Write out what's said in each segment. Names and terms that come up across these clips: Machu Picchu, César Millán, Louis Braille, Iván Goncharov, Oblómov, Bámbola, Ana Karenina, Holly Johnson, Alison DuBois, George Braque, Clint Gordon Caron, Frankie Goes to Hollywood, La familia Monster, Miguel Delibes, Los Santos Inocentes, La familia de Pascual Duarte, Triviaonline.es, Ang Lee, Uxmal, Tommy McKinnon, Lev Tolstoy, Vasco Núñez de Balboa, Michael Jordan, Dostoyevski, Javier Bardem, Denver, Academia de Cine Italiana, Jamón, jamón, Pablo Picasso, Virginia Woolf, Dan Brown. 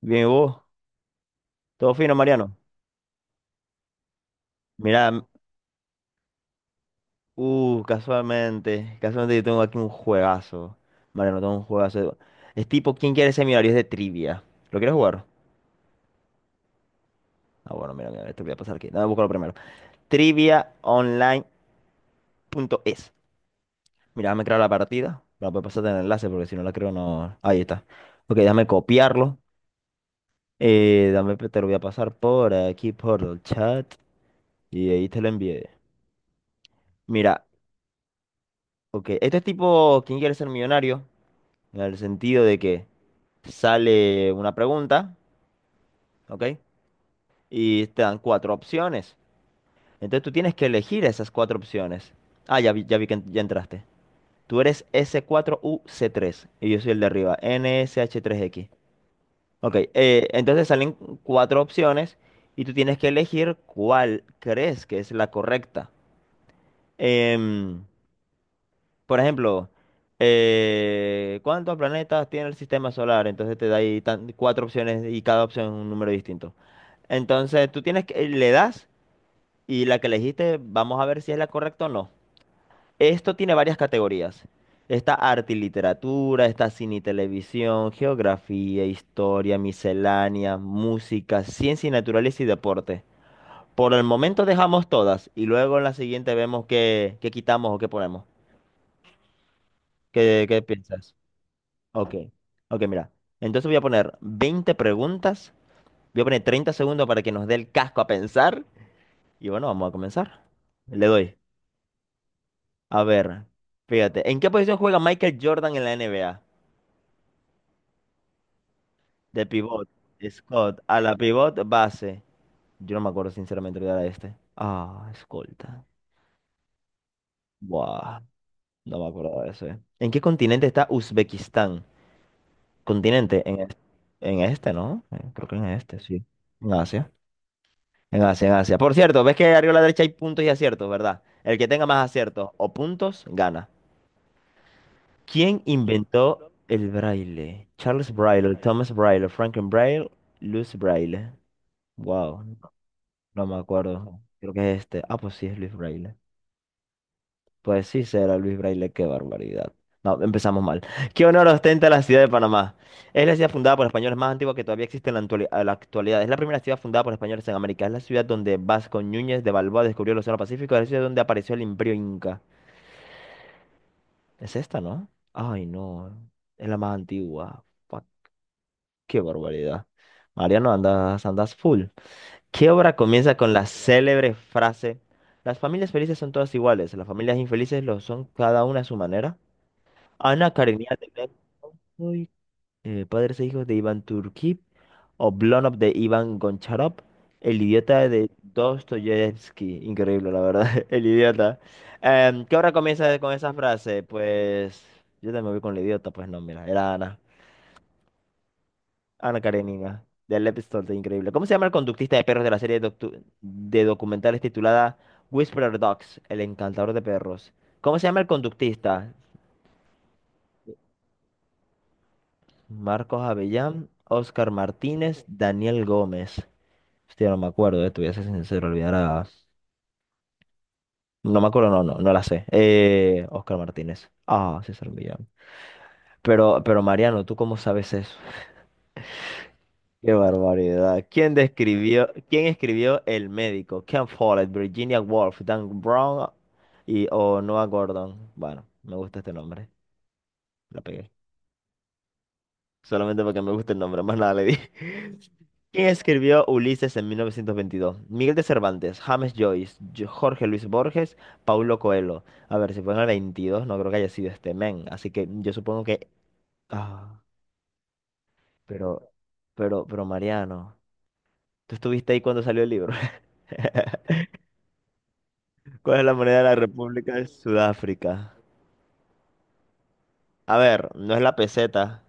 Bien, ¿y vos? ¿Todo fino, Mariano? Mira, casualmente yo tengo aquí un juegazo. Mariano, tengo un juegazo. Es tipo, ¿quién quiere ser millonario? Es de trivia. ¿Lo quieres jugar? Ah, bueno, mira, te voy a pasar aquí. Dame búscalo primero. Triviaonline.es. Mira, déjame crear la partida. La voy pasar en el enlace porque si no la creo no. Ahí está. Ok, déjame copiarlo. Dame, te lo voy a pasar por aquí, por el chat. Y ahí te lo envié. Mira, ok. Este es tipo, ¿quién quiere ser millonario? En el sentido de que sale una pregunta, ¿ok? Y te dan cuatro opciones. Entonces tú tienes que elegir esas cuatro opciones. Ah, ya vi ya entraste. Tú eres s cuatro U C tres y yo soy el de arriba, N S H tres x. Ok, entonces salen cuatro opciones y tú tienes que elegir cuál crees que es la correcta. Em, Por ejemplo, ¿cuántos planetas tiene el sistema solar? Entonces te da ahí cuatro opciones y cada opción es un número distinto. Entonces tú tienes que, le das y la que elegiste, vamos a ver si es la correcta o no. Esto tiene varias categorías. Está arte y literatura, está cine y televisión, geografía, historia, miscelánea, música, ciencia y naturaleza y deporte. Por el momento dejamos todas y luego en la siguiente vemos qué quitamos o qué ponemos. ¿Qué piensas? Ok, ok, mira. Entonces voy a poner 20 preguntas. Voy a poner 30 segundos para que nos dé el casco a pensar. Y bueno, vamos a comenzar. Le doy. A ver, fíjate. ¿En qué posición juega Michael Jordan en la NBA? De pivot. Scott. A la pivot base. Yo no me acuerdo sinceramente de era este. Ah, escolta. Buah, no me acuerdo de ese. ¿En qué continente está Uzbekistán? Continente, en este, ¿no? Creo que en este, sí. En Asia. En Asia, en Asia. Por cierto, ves que arriba a la derecha hay puntos y aciertos, ¿verdad? El que tenga más aciertos o puntos, gana. ¿Quién inventó el braille? Charles Braille, Thomas Braille, Franklin Braille, Louis Braille. Wow, no me acuerdo. Creo que es este. Ah, pues sí, es Louis Braille. Pues sí, será Luis Braille, qué barbaridad. No, empezamos mal. ¿Qué honor ostenta la ciudad de Panamá? Es la ciudad fundada por españoles más antigua que todavía existe en a la actualidad. Es la primera ciudad fundada por españoles en América. Es la ciudad donde Vasco Núñez de Balboa descubrió el Océano Pacífico. Es la ciudad donde apareció el Imperio Inca. Es esta, ¿no? Ay, no. Es la más antigua. Fuck, qué barbaridad. Mariano, andas, andas full. ¿Qué obra comienza con la célebre frase? Las familias felices son todas iguales. Las familias infelices lo son cada una a su manera. Ana Karenina de Black, Padres e hijos de Iván Turquí, Oblonov de Iván Goncharov, El idiota de Dostoyevsky, increíble la verdad, El idiota. ¿Qué hora comienza con esa frase? Pues yo también voy con El idiota, pues no, mira, era Ana Karenina, de Lev Tolstoy, increíble. ¿Cómo se llama el conductista de perros de la serie de documentales titulada Whisperer Dogs, el encantador de perros? ¿Cómo se llama el conductista? Marcos Avellán, Óscar Martínez, Daniel Gómez. Hostia, no me acuerdo, te voy a ser sincero, olvidar. No me acuerdo, no, no, no la sé. Óscar Martínez. Ah, César Millán. Pero Mariano, ¿tú cómo sabes eso? Qué barbaridad. ¿Quién describió, quién escribió El médico? Ken Follett, Virginia Woolf, Dan Brown y o Noah Gordon. Bueno, me gusta este nombre. La pegué. Solamente porque me gusta el nombre, más nada le di. ¿Quién escribió Ulises en 1922? Miguel de Cervantes, James Joyce, Jorge Luis Borges, Paulo Coelho. A ver, si fue en el 22, no creo que haya sido este men. Así que yo supongo que... Ah, pero, pero Mariano, ¿tú estuviste ahí cuando salió el libro? ¿Cuál es la moneda de la República de Sudáfrica? A ver, no es la peseta,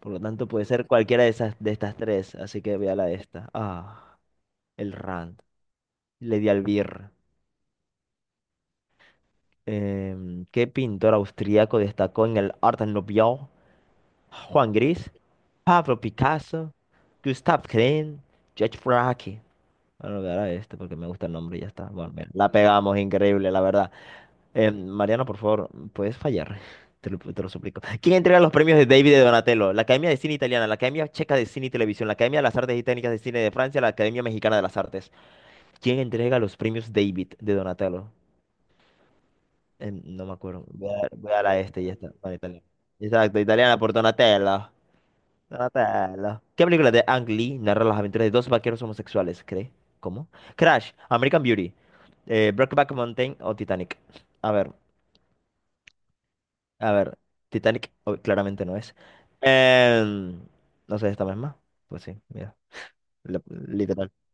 por lo tanto puede ser cualquiera de esas, de estas tres, así que voy a la de esta. Ah, el rand. Le di al birr. ¿Qué pintor austriaco destacó en el Art Nouveau? Juan Gris, Pablo Picasso, Gustav Klimt, George Braque. Bueno, voy a dar a este porque me gusta el nombre y ya está. Bueno, mira, la pegamos, increíble, la verdad. Mariano, por favor, puedes fallar. Te lo suplico. ¿Quién entrega los premios de David de Donatello? La Academia de Cine Italiana, la Academia Checa de Cine y Televisión, la Academia de las Artes y Técnicas de Cine de Francia, la Academia Mexicana de las Artes. ¿Quién entrega los premios David de Donatello? No me acuerdo. Voy a la este y ya está. Bueno, italiana. Exacto, italiana por Donatello. Donatello. ¿Qué película de Ang Lee narra las aventuras de dos vaqueros homosexuales? ¿Cree? ¿Cómo? Crash, American Beauty, Brokeback Mountain o Titanic. A ver, a ver. Titanic oh, claramente no es. Em, no sé, esta misma. Pues sí, mira. la- Literalmente.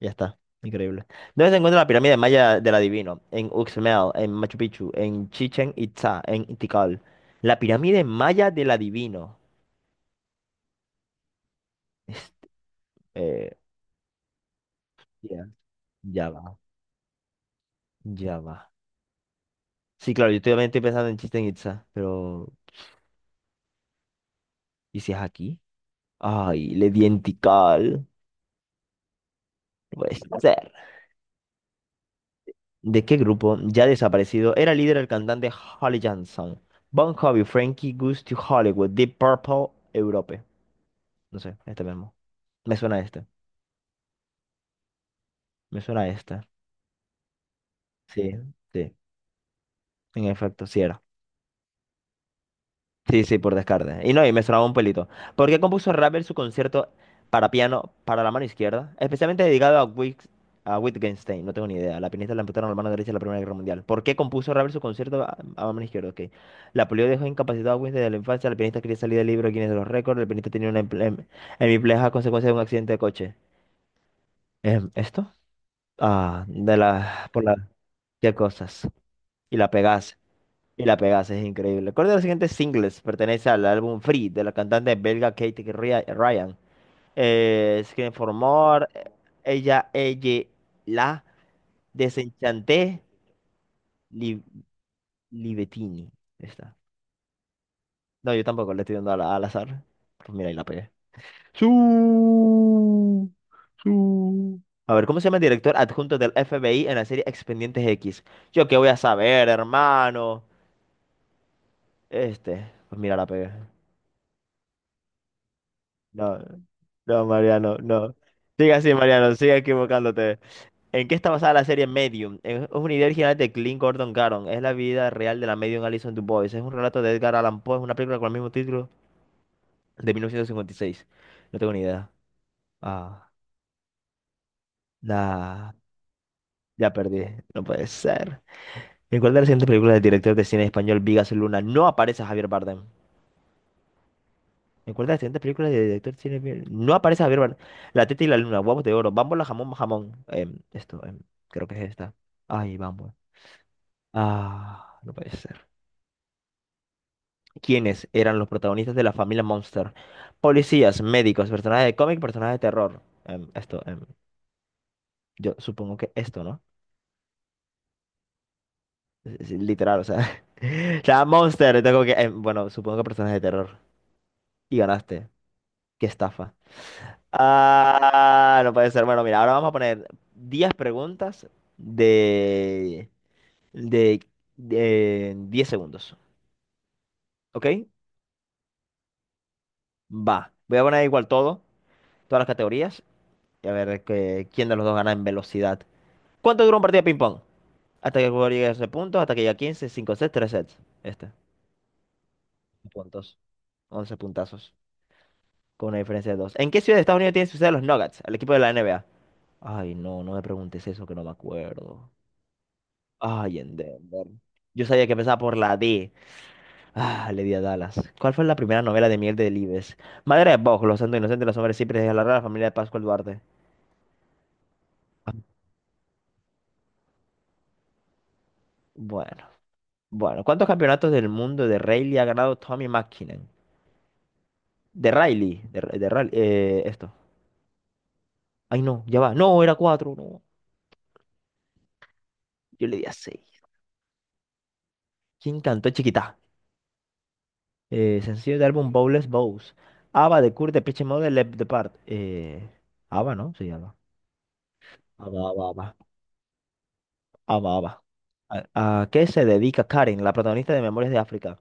Ya está, increíble. ¿Dónde se encuentra la pirámide maya del adivino? En Uxmal, en Machu Picchu, en Chichen Itza, en Tikal. La pirámide maya del adivino. Este, eh, ya ya va, ya va. Sí, claro, yo también estoy pensando en Chichen Itza, pero ¿y si es aquí? Ay, le di en Tikal. No puede ser. ¿De qué grupo, ya desaparecido, era líder el cantante Holly Johnson? Bon Jovi, Frankie Goes to Hollywood, Deep Purple, Europe. No sé, este mismo. Me suena a este. Me suena esta. Sí, sí. En efecto, sí era. Sí, sí, por descarte. Y no, y me sonaba un pelito. ¿Por qué compuso Ravel su concierto para piano para la mano izquierda? Especialmente dedicado a, a Wittgenstein. No tengo ni idea. La pianista le amputaron la mano derecha en la Primera Guerra Mundial. ¿Por qué compuso Ravel su concierto a mano izquierda? Ok. La polio dejó incapacitado a Wittgenstein desde la infancia. La pianista quería salir del libro Guinness de los récords. El pianista tenía una hemipleja a consecuencia de un accidente de coche. ¿Esto? Ah, de la... por la... ¿Qué cosas? Y la pegase. Y la pegaste, es increíble. Recuerda de los siguientes singles pertenece al álbum Free de la cantante belga Kate Ryan. Scream for More, Ella, Ella, La, Desenchanté, Li- Libettini. Ahí está. No, yo tampoco le estoy dando al azar. Pues mira, y la pegué. Su, su. A ver, ¿cómo se llama el director adjunto del FBI en la serie Expedientes X? Yo qué voy a saber, hermano. Este, pues mira, la pegué. No, no, Mariano, no. Sigue así, Mariano, sigue equivocándote. ¿En qué está basada la serie Medium? Es una idea original de Clint Gordon Caron. Es la vida real de la medium Alison DuBois. Es un relato de Edgar Allan Poe. Es una película con el mismo título de 1956. No tengo ni idea. Ah, nah, ya perdí. No puede ser. ¿En cuál de las siguientes películas del director de cine español Vigas Luna no aparece Javier Bardem? En cuenta de siguientes películas de director de cine. No aparece Javier Bardem. La teta y la luna, huevos de oro, bámbola, jamón, jamón. Esto, creo que es esta. Ay, bámbola. Ah, no puede ser. ¿Quiénes eran los protagonistas de la familia Monster? Policías, médicos, personajes de cómic, personajes de terror. Esto, yo supongo que esto, ¿no? Es literal, o sea. O sea Monster, tengo que. Bueno, supongo que personajes de terror. Y ganaste. Qué estafa. Ah, no puede ser. Bueno, mira, ahora vamos a poner 10 preguntas de, de, de 10 segundos. ¿Ok? Va. Voy a poner igual todo, todas las categorías, y a ver quién de los dos gana en velocidad. ¿Cuánto dura un partido de ping-pong? Hasta que el jugador llegue a 12 puntos, hasta que llegue a 15, 5 sets, 3 sets. Este. Puntos. 11 puntazos. Con una diferencia de 2. ¿En qué ciudad de Estados Unidos tiene su sede los Nuggets? El equipo de la NBA. Ay, no, no me preguntes eso, que no me acuerdo. Ay, en Denver. Yo sabía que empezaba por la D. Ah, le di a Dallas. ¿Cuál fue la primera novela de Miguel Delibes? Madre de Boj, Los Santos Inocentes, Los Hombres Siempre de la Rara Familia de Pascual Duarte. Ah, bueno, bueno. ¿Cuántos campeonatos del mundo de Rayleigh ha ganado Tommy McKinnon? De Riley, de Riley, esto. Ay, no, ya va. No, era cuatro, no. Yo le di a seis. ¿Quién cantó Chiquita? Sencillo de álbum Bowles Bows. Ava de Kurt de Pitch Mode, Left Depart. Ava, ¿no? Sí, Ava. Ava, Ava, Ava. Ah, va, va. ¿A qué se dedica Karen, la protagonista de Memorias de África?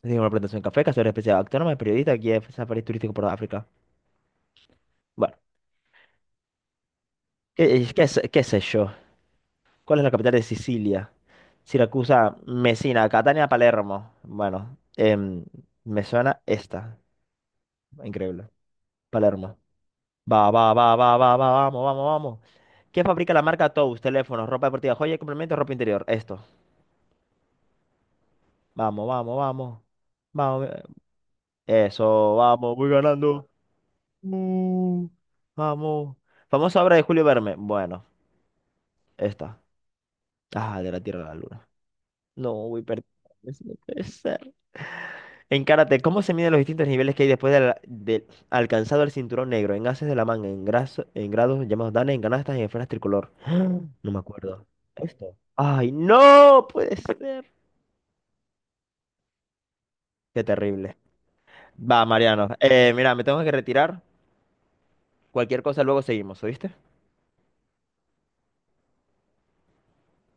Es una presentación en café, cazadora especial, autónoma, periodista, guía de Safari turístico por África. Bueno, ¿qué sé yo? ¿Cuál es la capital de Sicilia? Siracusa, Messina, Catania, Palermo. Bueno, me suena esta. Increíble. Palermo. Va, va, va, va, va, va, vamos, vamos, vamos. ¿Qué fabrica la marca Tous? Teléfonos, ropa deportiva, joya, complementos, ropa interior. Esto. Vamos, vamos, vamos. Vamos. Eso, vamos, voy ganando. Mm, vamos. Famosa obra de Julio Verne. Bueno, esta. Ah, de la Tierra a la Luna. No, voy perdido. Eso no puede ser. En karate, ¿cómo se miden los distintos niveles que hay después de alcanzado el cinturón negro? En haces de la manga, en grados, llamados danes, en canastas y en esferas tricolor. No me acuerdo. ¿Esto? ¡Ay, no! Puede ser. Qué terrible. Va, Mariano. Mira, me tengo que retirar. Cualquier cosa luego seguimos, ¿oíste?